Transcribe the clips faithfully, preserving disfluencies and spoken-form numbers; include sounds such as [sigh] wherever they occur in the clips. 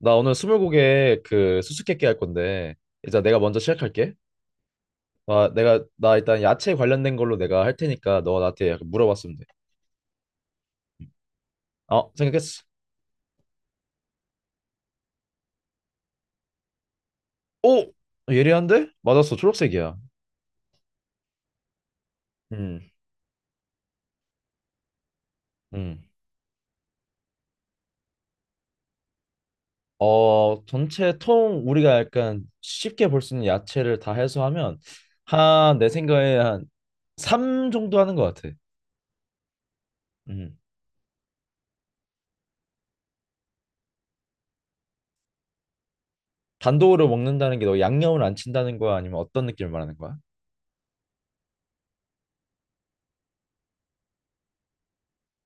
나 오늘 스물고개 그 수수께끼 할 건데 이제 내가 먼저 시작할게. 아, 내가 나 일단 야채 관련된 걸로 내가 할 테니까 너 나한테 약간 물어봤으면 돼. 어, 생각했어. 오, 아, 예리한데? 맞았어. 초록색이야. 음, 음. 어, 전체 통 우리가 약간 쉽게 볼 수 있는 야채를 다 해소하면 한 내 생각에 한 삼 정도 하는 것 같아. 음. 단독으로 먹는다는 게 너 양념을 안 친다는 거야? 아니면 어떤 느낌을 말하는 거야?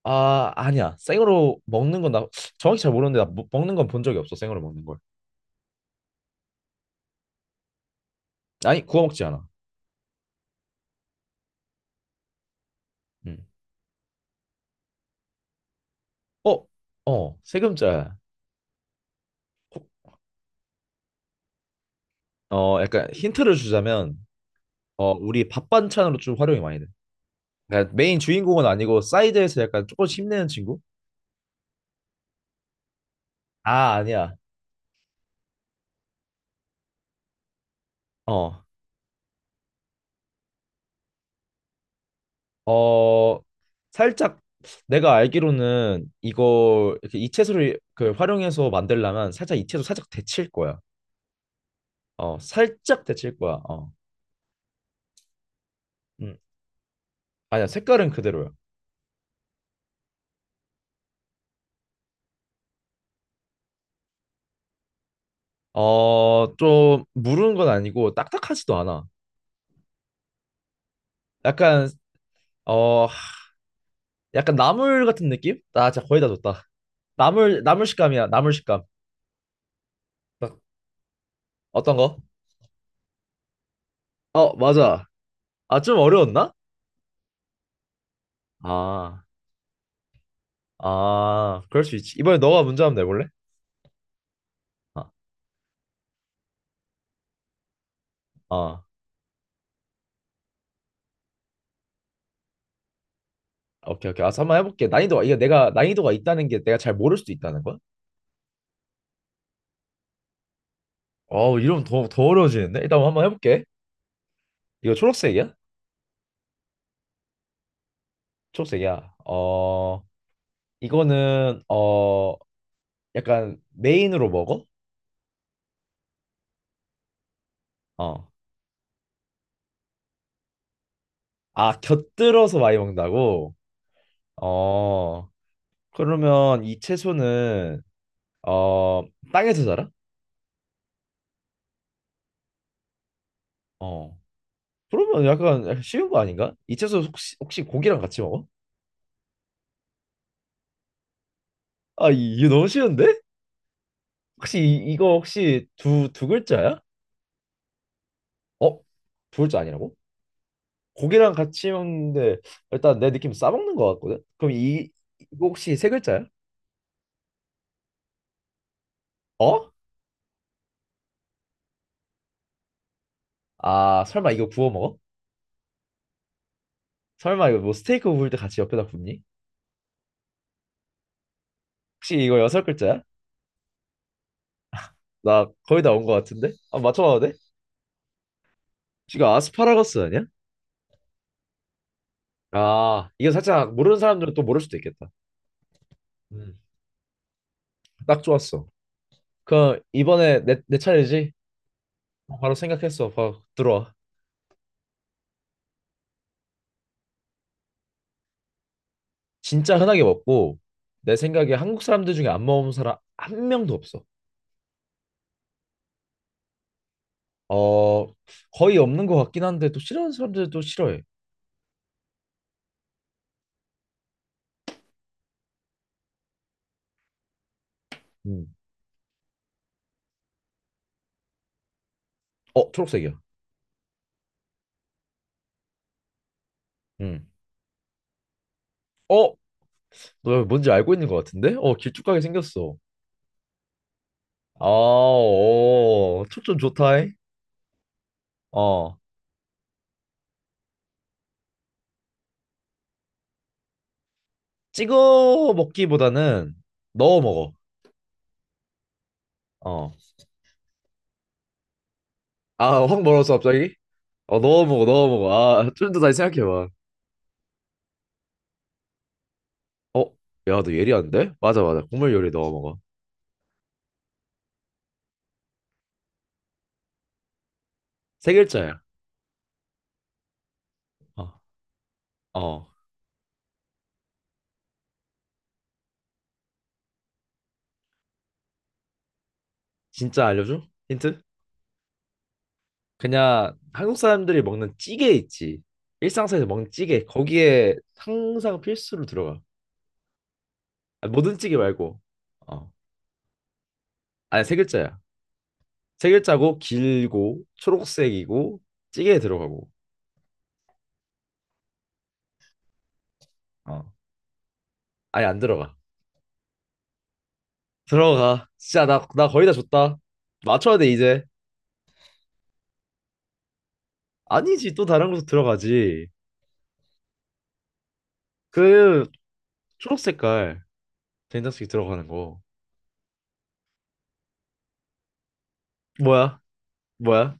아, 아니야. 생으로 먹는 건 나 정확히 잘 모르는데 나 먹- 먹는 건 본 적이 없어. 생으로 먹는 걸. 아니, 구워 먹지 않아. 음. 어, 어, 세금자야. 어, 약간 힌트를 주자면 어, 우리 밥 반찬으로 좀 활용이 많이 돼. 그러니까 메인 주인공은 아니고 사이드에서 약간 조금씩 힘내는 친구? 아, 아니야. 어. 어, 살짝 내가 알기로는 이거 이렇게 이채소를 그 활용해서 만들려면 살짝 이채소 살짝 데칠 거야. 어, 살짝 데칠 거야. 어. 음. 아니야. 색깔은 그대로야. 어, 좀 무르는 건 아니고 딱딱하지도 않아. 약간 어, 하- 약간 나물 같은 느낌? 나 진짜 거의 다 줬다. 나물 나물 식감이야. 나물 식감. 딱 어떤 거? 어, 맞아. 아, 좀 어려웠나? 아, 아, 그럴 수 있지. 이번에 너가 문제 한번 내볼래? 아, 아, 오케이, 오케이. 아, 한번 해볼게. 난이도가 이게 내가 난이도가 있다는 게 내가 잘 모를 수도 있다는 거야? 어, 이러면 더, 더 어려워지는데? 일단 한번 해볼게. 이거 초록색이야? 초록색이야. 어, 이거는 어... 약간 메인으로 먹어? 어. 아, 곁들여서 많이 먹는다고? 어. 그러면 이 채소는 어, 땅에서 자라? 어. 그러면 약간, 약간 쉬운 거 아닌가? 이 채소 혹시 혹시 고기랑 같이 먹어? 아, 이- 이거 너무 쉬운데? 혹시 이, 이거 혹시 두 두 글자야? 어? 두 글자 아니라고? 고기랑 같이 먹는데 일단 내 느낌 싸먹는 거 같거든? 그럼 이 이거 혹시 세 글자야? 어? 아, 설마 이거 구워 먹어? 설마 이거 뭐 스테이크 구울 때 같이 옆에다 굽니? 혹시 이거 여섯 글자야? 나 거의 다 온 것 같은데? 아, 맞춰봐도 돼? 지금 아스파라거스 아니야? 아, 이거 살짝 모르는 사람들은 또 모를 수도 있겠다. 음, 딱 좋았어. 그럼 이번에 내, 내 차례지? 어, 바로 생각했어. 바로 들어와. 진짜 흔하게 먹고 내 생각에 한국 사람들 중에 안 먹은 사람 한 명도 없어. 어, 거의 없는 것 같긴 한데 또 싫어하는 사람들도 싫어해. 음. 어, 초록색이야. 음. 어, 너 뭔지 알고 있는 것 같은데? 어, 길쭉하게 생겼어. 아, 오, 초점 좋다. 어, 찍어 먹기보다는 넣어 먹어. 어. 아, 확 멀었어, 갑자기? 어, 넣어 먹어, 넣어 먹어. 아, 좀 더 다시 생각해봐. 어, 야, 너 예리한데? 맞아, 맞아. 국물 요리 넣어 먹어. 세 글자야. 어, 어. 진짜 알려줘? 힌트? 그냥 한국 사람들이 먹는 찌개 있지. 일상생활에서 먹는 찌개. 거기에 항상 필수로 들어가. 아, 모든 찌개 말고. 어. 아니, 세 글자야. 세 글자고, 길고, 초록색이고, 찌개에 들어가고. 어. 아니 안 들어가. 들어가. 진짜 나, 나 거의 다 줬다. 맞춰야 돼 이제. 아니지 또 다른 곳으로 들어가지. 그 초록 색깔 된장찌개 들어가는 거. 뭐야? 뭐야?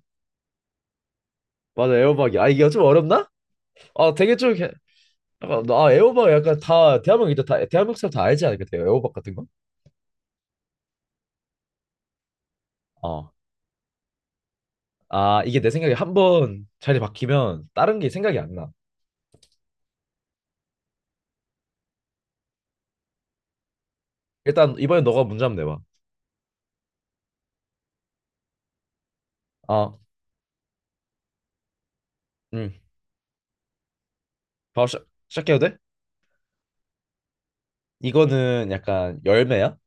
맞아 애호박이. 아 이게 좀 어렵나? 아 되게 좀 이렇게 약간 아 애호박 약간 다 대한민국 이제 다 대한민국 사람 다 알지 않을까? 요 애호박 같은 거? 어. 아 이게 내 생각에 한 번 자리 바뀌면 다른 게 생각이 안 나. 일단 이번에 너가 문제 한번 내봐. 아, 음. 바로 시작, 시작해도 돼? 이거는 약간 열매야?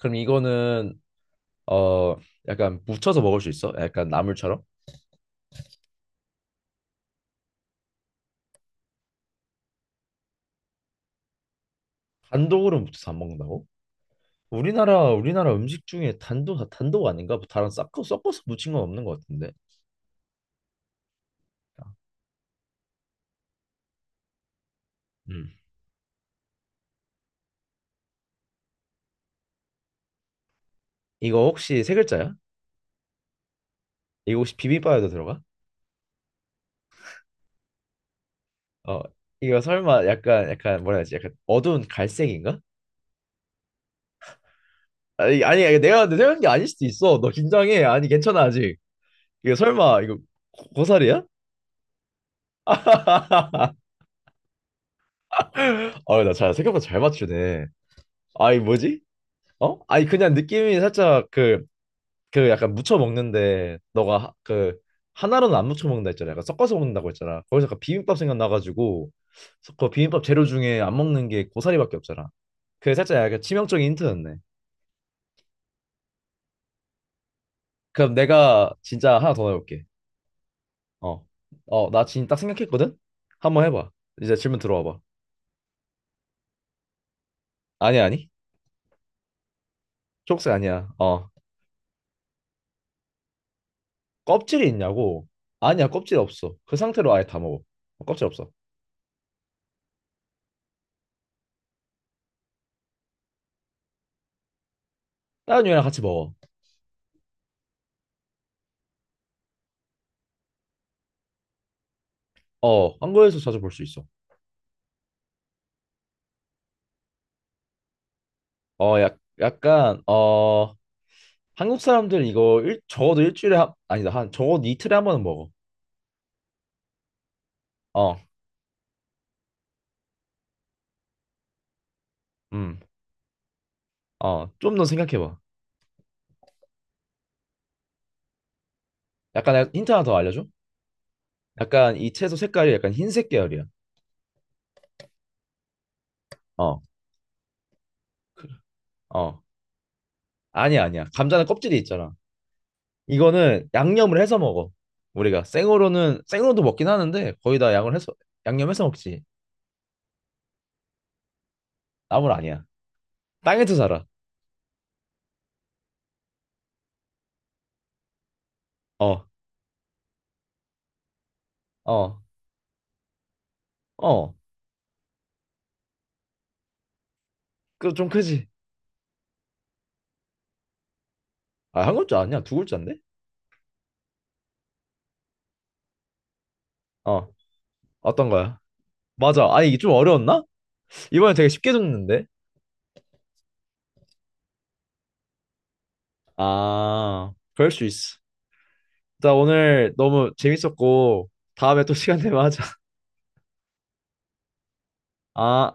그럼 이거는 어 약간 묻혀서 먹을 수 있어? 약간 나물처럼? 단독으로 묻혀서 안 먹는다고? 우리나라 우리나라 음식 중에 단독 다 단독 아닌가? 뭐 다른 섞어 섞어서 무친 건 없는 것 같은데. 음. 이거 혹시 세 글자야? 이거 혹시 비빔밥에도 들어가? 어 이거 설마 약간 약간 뭐라 해야지? 약간 어두운 갈색인가? 아니 아니 아니, 내가 근데 생각한 게 아닐 수도 있어. 너 긴장해. 아니 괜찮아 아직. 이거 설마 이거 고- 고사리야? [laughs] 아나잘 생각보다 잘 맞추네. 아이 뭐지? 어? 아니 그냥 느낌이 살짝 그 그 약간 무쳐 먹는데 너가 하- 그 하나로는 안 무쳐 먹는다 했잖아. 약간 섞어서 먹는다고 했잖아. 거기서 약간 비빔밥 생각나가지고 서- 그 비빔밥 재료 중에 안 먹는 게 고사리밖에 없잖아. 그게 살짝 약간 치명적인 힌트였네. 그럼 내가 진짜 하나 더 넣어볼게. 어, 어, 나 지금 딱 생각했거든. 한번 해봐. 이제 질문 들어와봐. 아니 아니, 초록색 아니야. 어, 껍질이 있냐고? 아니야, 껍질 없어. 그 상태로 아예 다 먹어. 어, 껍질 없어. 다른 유랑 같이 먹어. 어, 한국에서 자주 볼 수 있어. 어, 약, 약간 어. 한국 사람들은 이거 일, 적어도 일주일에 한, 아니다 한 적어도 이틀에 한 번은 먹어. 어, 음, 어, 좀 더 생각해봐. 약간 내가 힌트 하나 더 알려줘? 약간 이 채소 색깔이 약간 흰색 계열이야. 어, 어, 아니야 아니야. 감자는 껍질이 있잖아. 이거는 양념을 해서 먹어. 우리가 생으로는 생으로도 먹긴 하는데 거의 다 양을 해서 양념해서 먹지. 나물 아니야. 땅에서 자라. 어, 어, 어. 그 좀 크지? 아, 한 글자 아니야? 두 글자인데? 어, 어떤 거야? 맞아. 아니 이게 좀 어려웠나? 이번에 되게 쉽게 줬는데. 아, 그럴 수 있어. 나 오늘 너무 재밌었고, 다음에 또 시간 되면 하자. 아.